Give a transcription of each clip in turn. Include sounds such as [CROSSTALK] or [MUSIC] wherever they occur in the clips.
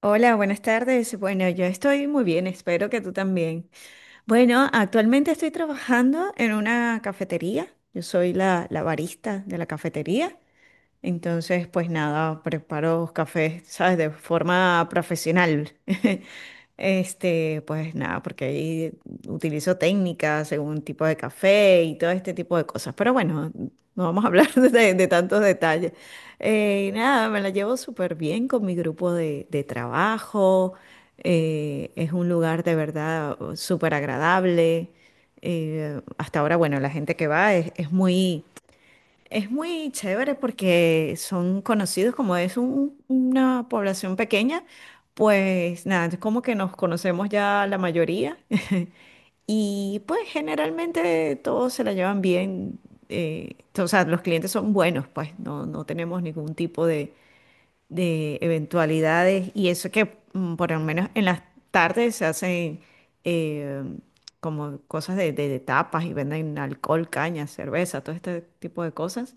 Hola, buenas tardes. Bueno, yo estoy muy bien, espero que tú también. Bueno, actualmente estoy trabajando en una cafetería. Yo soy la barista de la cafetería, entonces, pues nada, preparo cafés, ¿sabes? De forma profesional. [LAUGHS] Pues nada, porque ahí utilizo técnicas según tipo de café y todo este tipo de cosas. Pero bueno, no vamos a hablar [LAUGHS] de tantos detalles. Nada, me la llevo súper bien con mi grupo de trabajo. Es un lugar de verdad súper agradable. Hasta ahora, bueno, la gente que va es muy, es muy chévere porque son conocidos, como es una población pequeña, pues nada, es como que nos conocemos ya la mayoría. [LAUGHS] Y pues generalmente todos se la llevan bien, o sea, los clientes son buenos, pues no tenemos ningún tipo de eventualidades. Y eso que por lo menos en las tardes se hacen, eh, como cosas de tapas, y venden alcohol, caña, cerveza, todo este tipo de cosas.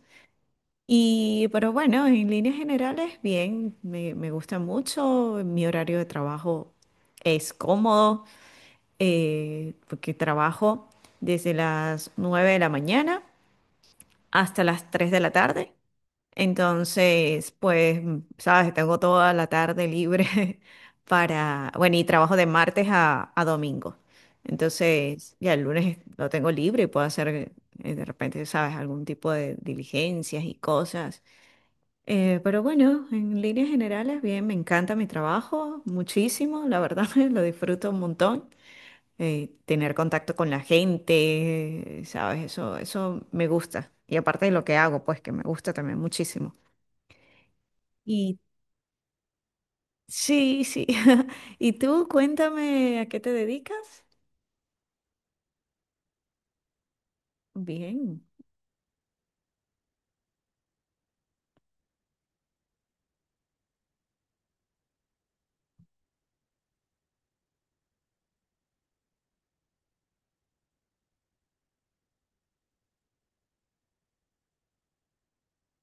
Y, pero bueno, en líneas generales, bien, me gusta mucho, mi horario de trabajo es cómodo, porque trabajo desde las 9 de la mañana hasta las 3 de la tarde. Entonces, pues, sabes, tengo toda la tarde libre [LAUGHS] para, bueno, y trabajo de martes a domingo. Entonces, ya el lunes lo tengo libre y puedo hacer, de repente, sabes, algún tipo de diligencias y cosas, pero bueno, en líneas generales, bien, me encanta mi trabajo muchísimo, la verdad, [LAUGHS] lo disfruto un montón. Tener contacto con la gente, ¿sabes? Eso me gusta. Y aparte de lo que hago, pues que me gusta también muchísimo. Y sí, sí. [LAUGHS] ¿Y tú, cuéntame a qué te dedicas? Bien.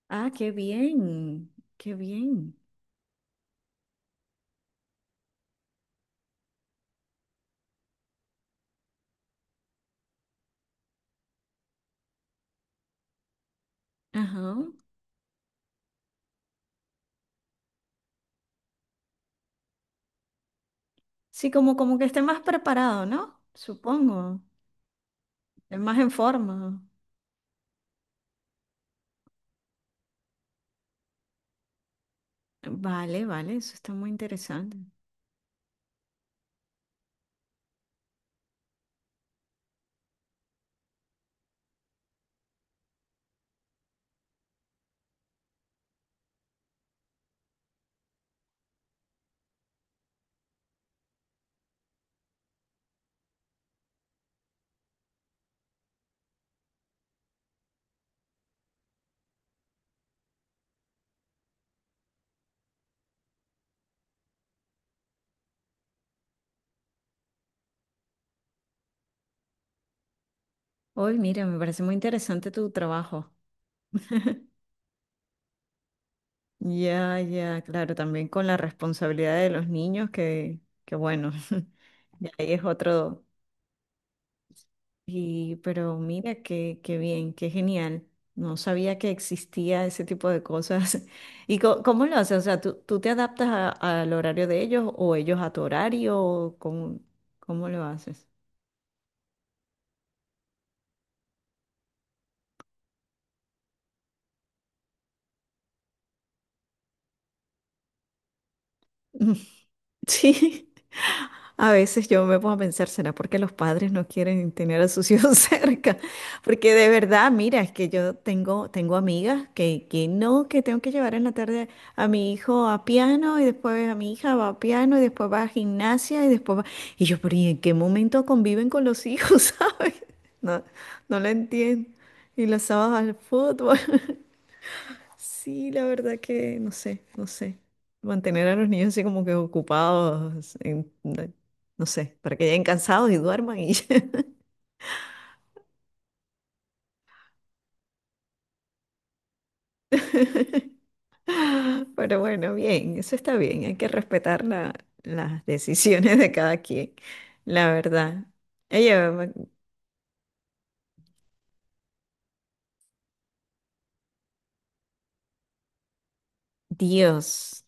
Ah, qué bien, qué bien. Ajá. Sí, como, como que esté más preparado, ¿no? Supongo, esté más en forma. Vale, vale, eso está muy interesante. Hoy, mira, me parece muy interesante tu trabajo. Ya, ya, claro, también con la responsabilidad de los niños, que bueno, [LAUGHS] ya ahí es otro. Y, pero mira, qué, qué bien, qué genial. No sabía que existía ese tipo de cosas. [LAUGHS] ¿Y cómo lo haces? O sea, ¿tú, tú te adaptas al horario de ellos o ellos a tu horario? ¿O cómo, cómo lo haces? [LAUGHS] Sí. A veces yo me pongo a pensar, ¿será porque los padres no quieren tener a sus hijos [LAUGHS] cerca? Porque de verdad, mira, es que yo tengo, tengo amigas que no, que tengo que llevar en la tarde a mi hijo a piano, y después a mi hija va a piano y después va a gimnasia y después va... Y yo, pero ¿y en qué momento conviven con los hijos, [LAUGHS] sabes? No, no lo entiendo. Y los sábados al fútbol. Sí, la verdad que no sé, no sé. Mantener a los niños así como que ocupados, no sé, para que lleguen cansados y duerman y... ya. [LAUGHS] Pero bueno, bien, eso está bien, hay que respetar las decisiones de cada quien, la verdad. Ella, Dios,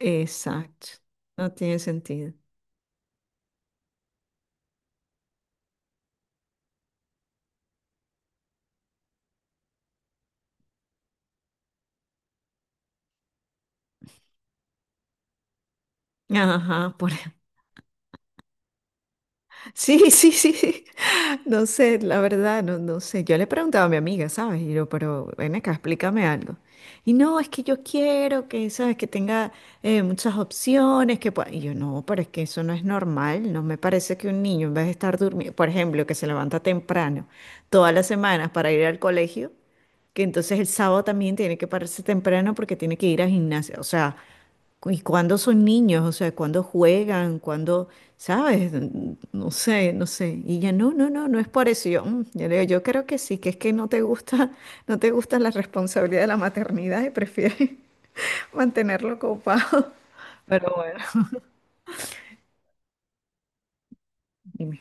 exacto, no tiene sentido. Ajá, por... [LAUGHS] Sí, sí, sí, sí. [LAUGHS] No sé, la verdad, no, no sé. Yo le preguntaba a mi amiga, ¿sabes? Y yo, pero ven acá, explícame algo. Y no, es que yo quiero que, ¿sabes? Que tenga, muchas opciones, que pueda... Y yo, no, pero es que eso no es normal. No me parece que un niño, en vez de estar durmiendo, por ejemplo, que se levanta temprano todas las semanas para ir al colegio, que entonces el sábado también tiene que pararse temprano porque tiene que ir al gimnasio. O sea, ¿y cuando son niños? O sea, ¿cuando juegan? ¿Cuando, sabes? No sé, no sé. Y ya no, no, no, no es por eso. Y yo, "Mm". Yo le digo, yo creo que sí, que es que no te gusta, no te gusta la responsabilidad de la maternidad y prefieres [LAUGHS] mantenerlo copado. Pero bueno, dime.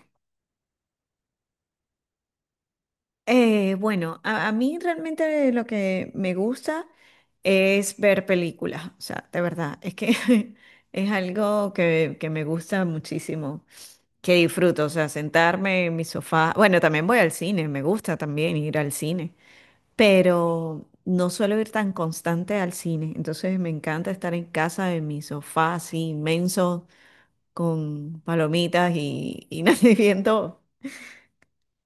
Bueno, a mí realmente lo que me gusta es ver películas. O sea, de verdad, es que [LAUGHS] es algo que me gusta muchísimo, que disfruto, o sea, sentarme en mi sofá. Bueno, también voy al cine, me gusta también ir al cine, pero no suelo ir tan constante al cine, entonces me encanta estar en casa en mi sofá así inmenso con palomitas y [LAUGHS] nada, viendo,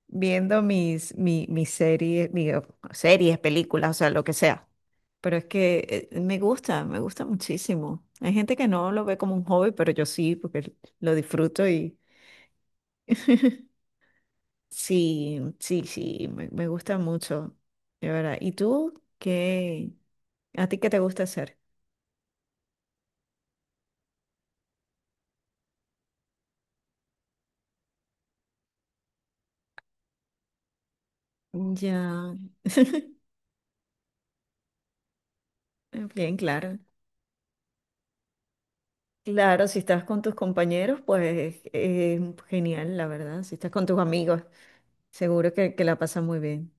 viendo mis series, digo, series, películas, o sea, lo que sea. Pero es que me gusta muchísimo. Hay gente que no lo ve como un hobby, pero yo sí, porque lo disfruto. Sí, sí, sí, me gusta mucho, de verdad. ¿Y tú qué? ¿A ti qué te gusta hacer? Ya, bien, claro. Claro, si estás con tus compañeros, pues genial, la verdad. Si estás con tus amigos, seguro que la pasas muy bien.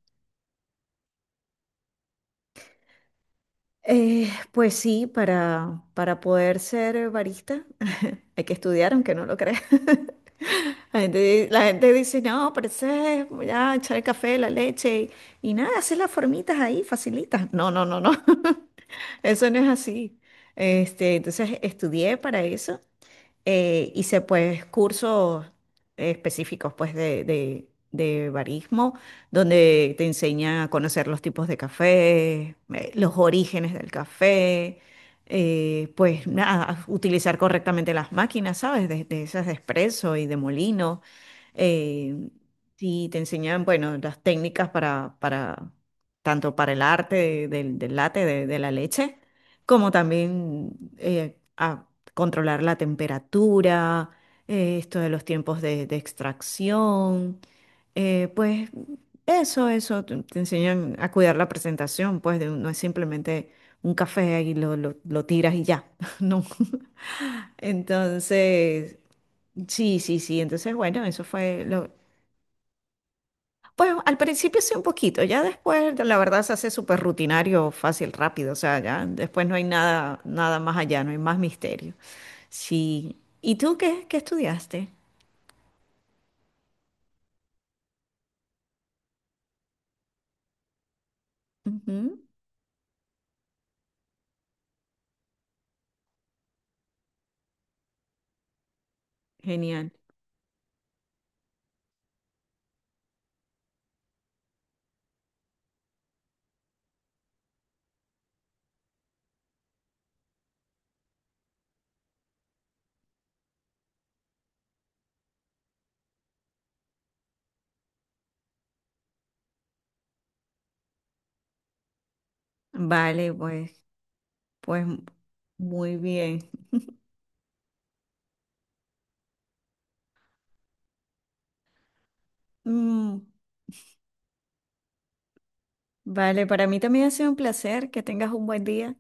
Pues sí, para poder ser barista. [LAUGHS] Hay que estudiar aunque no lo creas. [LAUGHS] La gente, la gente dice, no, pero eso es ya echar el café, la leche y nada, hacer las formitas ahí, facilitas. No, no, no, no. [LAUGHS] Eso no es así. Entonces estudié para eso, hice pues cursos específicos pues de barismo, donde te enseña a conocer los tipos de café, los orígenes del café, pues nada, utilizar correctamente las máquinas, ¿sabes? De esas de espresso y de molino. eh, y te enseñan, bueno, las técnicas para, tanto para el arte del, del latte, de la leche, como también a controlar la temperatura, esto de los tiempos de extracción, pues eso, te enseñan a cuidar la presentación, pues no es simplemente un café y lo tiras y ya. [LAUGHS] No. Entonces, sí, sí, sí, entonces bueno, eso fue lo... Pues al principio sí un poquito, ya después la verdad se hace súper rutinario, fácil, rápido, o sea, ya después no hay nada, nada más allá, no hay más misterio. Sí. ¿Y tú qué, qué estudiaste? Ujú. Genial. Vale, pues, pues muy bien. Mm, vale, para mí también ha sido un placer. Que tengas un buen día.